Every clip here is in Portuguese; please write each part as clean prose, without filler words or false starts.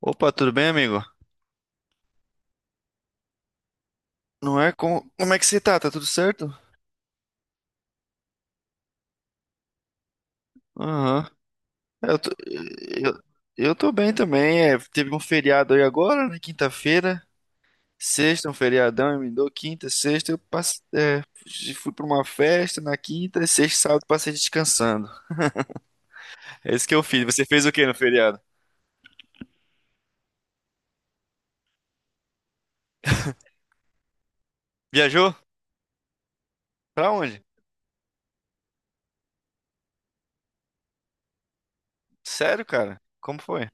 Opa, tudo bem, amigo? Não é? Como é que você tá? Tá tudo certo? Aham. Eu tô... Eu... eu tô bem também. É, teve um feriado aí agora, na quinta-feira. Sexta, um feriadão, emendou quinta, sexta. Fui pra uma festa na quinta, e sexta, e sábado passei descansando. É isso que eu fiz. Você fez o que no feriado? Viajou? Pra onde? Sério, cara? Como foi?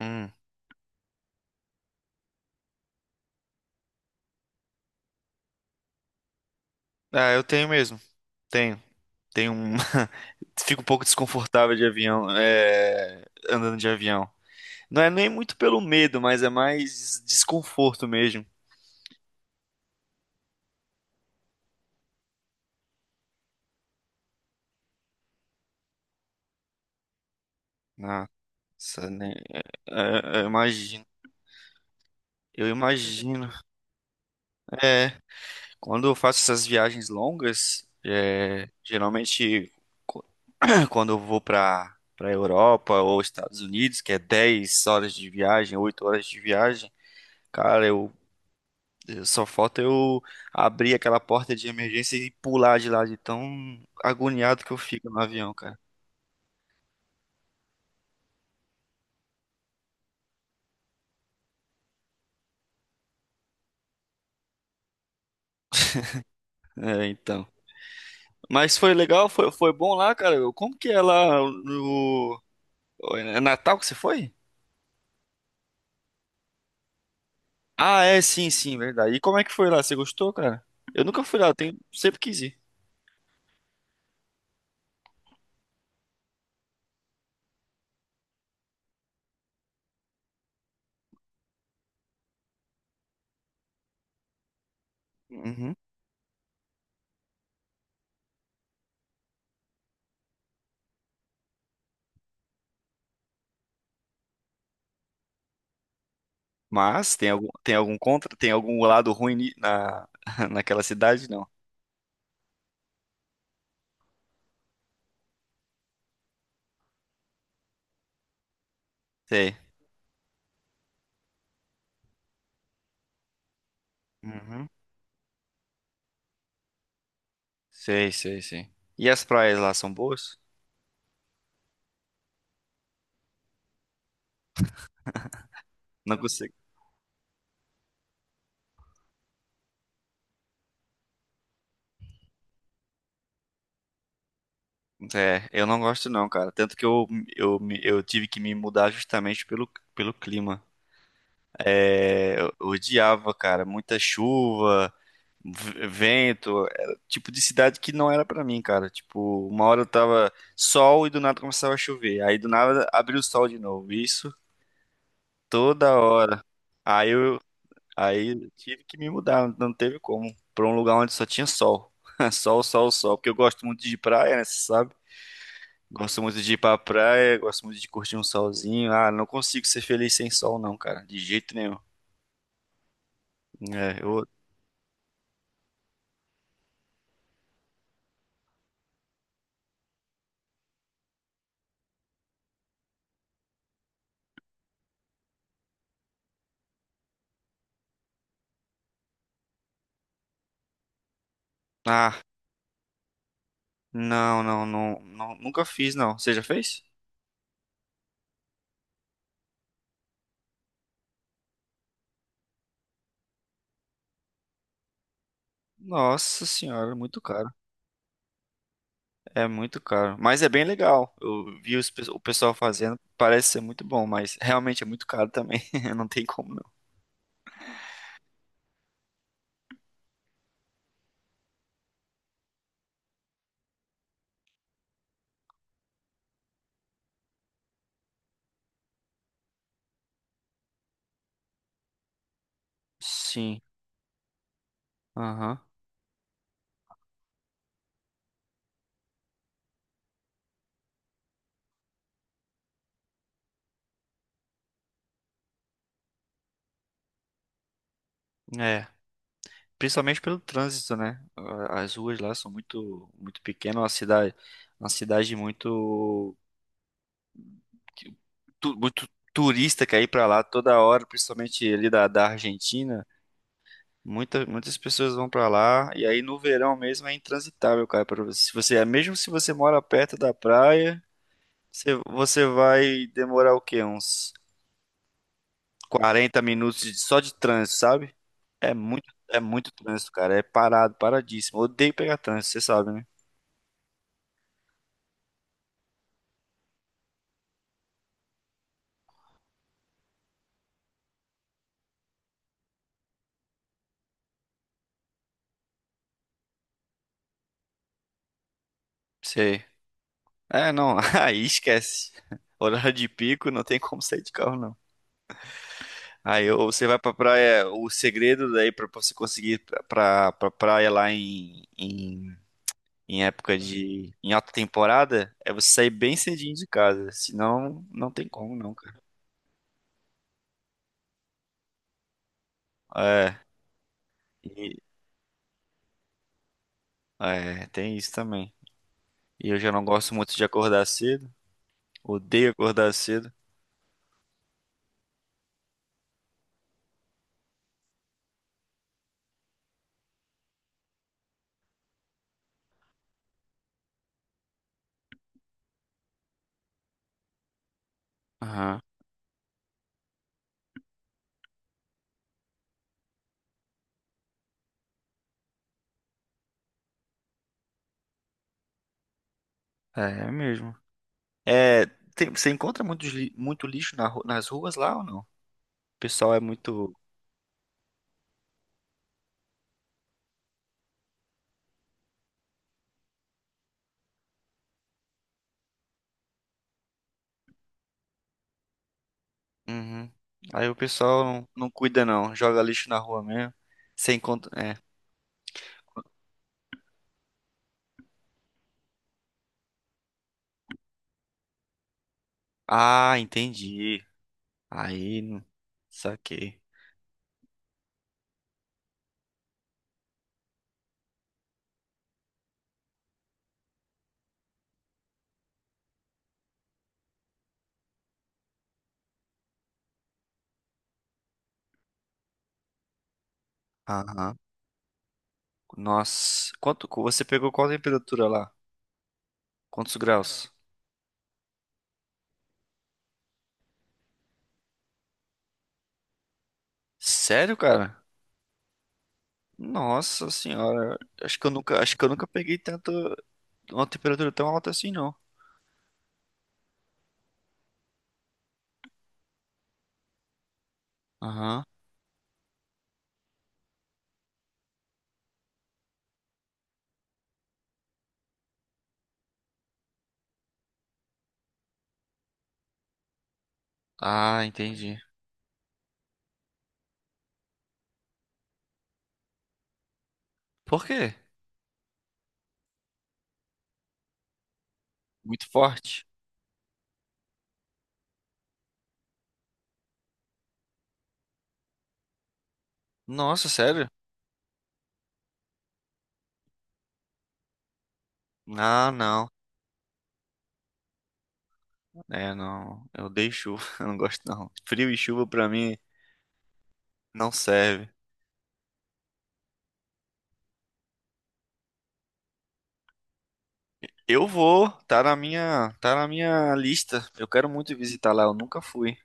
Hum. Ah, eu tenho mesmo. Tenho. Tenho um. Fico um pouco desconfortável de avião, andando de avião. Não é nem muito pelo medo, mas é mais desconforto mesmo. Nossa, né? É, é, eu imagino. Eu imagino. É, quando eu faço essas viagens longas, geralmente co- quando eu vou para Europa ou Estados Unidos, que é 10 horas de viagem, 8 horas de viagem, cara, só falta eu abrir aquela porta de emergência e pular de lá de tão agoniado que eu fico no avião, cara. É, então. Mas foi legal, foi bom lá, cara. Como que é lá no. É Natal que você foi? Ah, é, sim, sim, verdade. E como é que foi lá? Você gostou, cara? Eu nunca fui lá, sempre quis ir. Uhum. Mas tem algum contra, tem algum lado ruim naquela cidade? Não. Sei. Uhum. Sei, sei, sei. E as praias lá são boas? Não consigo. É, eu não gosto não, cara. Tanto que eu tive que me mudar justamente pelo clima. É, eu odiava, cara, muita chuva, vento, era o tipo de cidade que não era pra mim, cara. Tipo, uma hora eu tava sol e do nada começava a chover. Aí do nada abriu o sol de novo. Isso toda hora. Aí eu, aí eu tive que me mudar, não teve como, pra um lugar onde só tinha sol. Sol, sol, sol, porque eu gosto muito de praia, né, você sabe? Gosto muito de ir pra praia, gosto muito de curtir um solzinho. Ah, não consigo ser feliz sem sol, não, cara, de jeito nenhum. É, ah, não, não, não, não, nunca fiz, não. Você já fez? Nossa senhora, é muito caro. É muito caro. Mas é bem legal. Eu vi o pessoal fazendo, parece ser muito bom, mas realmente é muito caro também. Não tem como não. Sim, aham. É. Principalmente pelo trânsito, né? Ah, as ruas lá são muito, muito pequenas, uma cidade muito, muito turista que aí pra lá toda hora, principalmente ali da Argentina. Muitas pessoas vão pra lá e aí no verão mesmo é intransitável, cara, para você. Se você, mesmo se você mora perto da praia, você vai demorar o quê? Uns 40 minutos só de trânsito, sabe? É muito trânsito, cara. É parado, paradíssimo. Odeio pegar trânsito, você sabe, né? Sei. É, não, aí esquece. Horário de pico, não tem como sair de carro, não. Aí ou você vai pra praia, o segredo daí pra você conseguir pra praia lá em, em época de, em alta temporada, é você sair bem cedinho de casa. Senão, não tem como, não, cara. É, e- tem isso também. E eu já não gosto muito de acordar cedo. Odeio acordar cedo. Aham. É mesmo. É, você encontra muito lixo nas ruas lá ou não? O pessoal é muito. Uhum. Aí o pessoal não, não cuida, não. Joga lixo na rua mesmo. Você encontra. É. Ah, entendi. Aí, saquei. Aham. Nossa, quanto você pegou qual temperatura lá? Quantos graus? Sério, cara? Nossa senhora, acho que eu nunca peguei tanto uma temperatura tão alta assim, não. Aham. Ah, entendi. Por quê? Muito forte. Nossa, sério? Ah, não. É, não. Eu odeio chuva, eu não gosto não. Frio e chuva pra mim não serve. Eu vou, tá na minha lista. Eu quero muito visitar lá, eu nunca fui.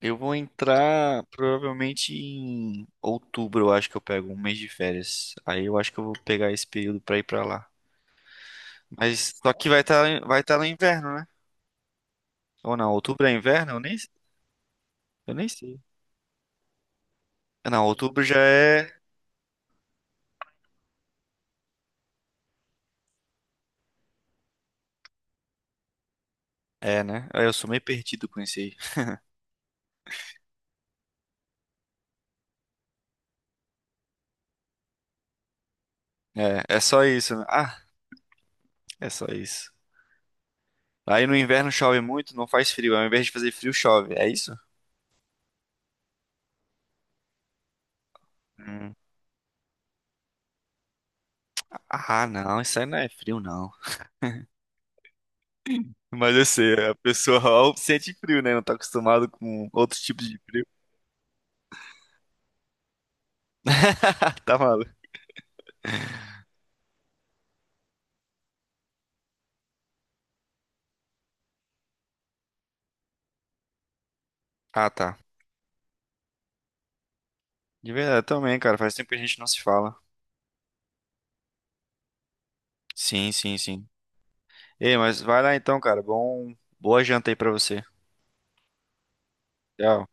Eu vou entrar provavelmente em outubro, eu acho que eu pego um mês de férias. Aí eu acho que eu vou pegar esse período pra ir pra lá. Mas só que vai tá no inverno, né? Ou não, outubro é inverno? Eu nem sei. Não, outubro já é. É, né? Aí eu sou meio perdido com isso aí. É, é só isso, né? Ah, é só isso. Aí no inverno chove muito, não faz frio. Ao invés de fazer frio, chove. É isso? Hum. Ah, não, isso aí não é frio, não. Mas eu sei, a pessoa ó, sente frio, né? Não tá acostumado com outros tipos de frio. Tá maluco. Ah, tá. De verdade, também, cara. Faz tempo que a gente não se fala. Sim, sim, sim. Ei, mas vai lá então, cara. Bom, boa janta aí pra você. Tchau.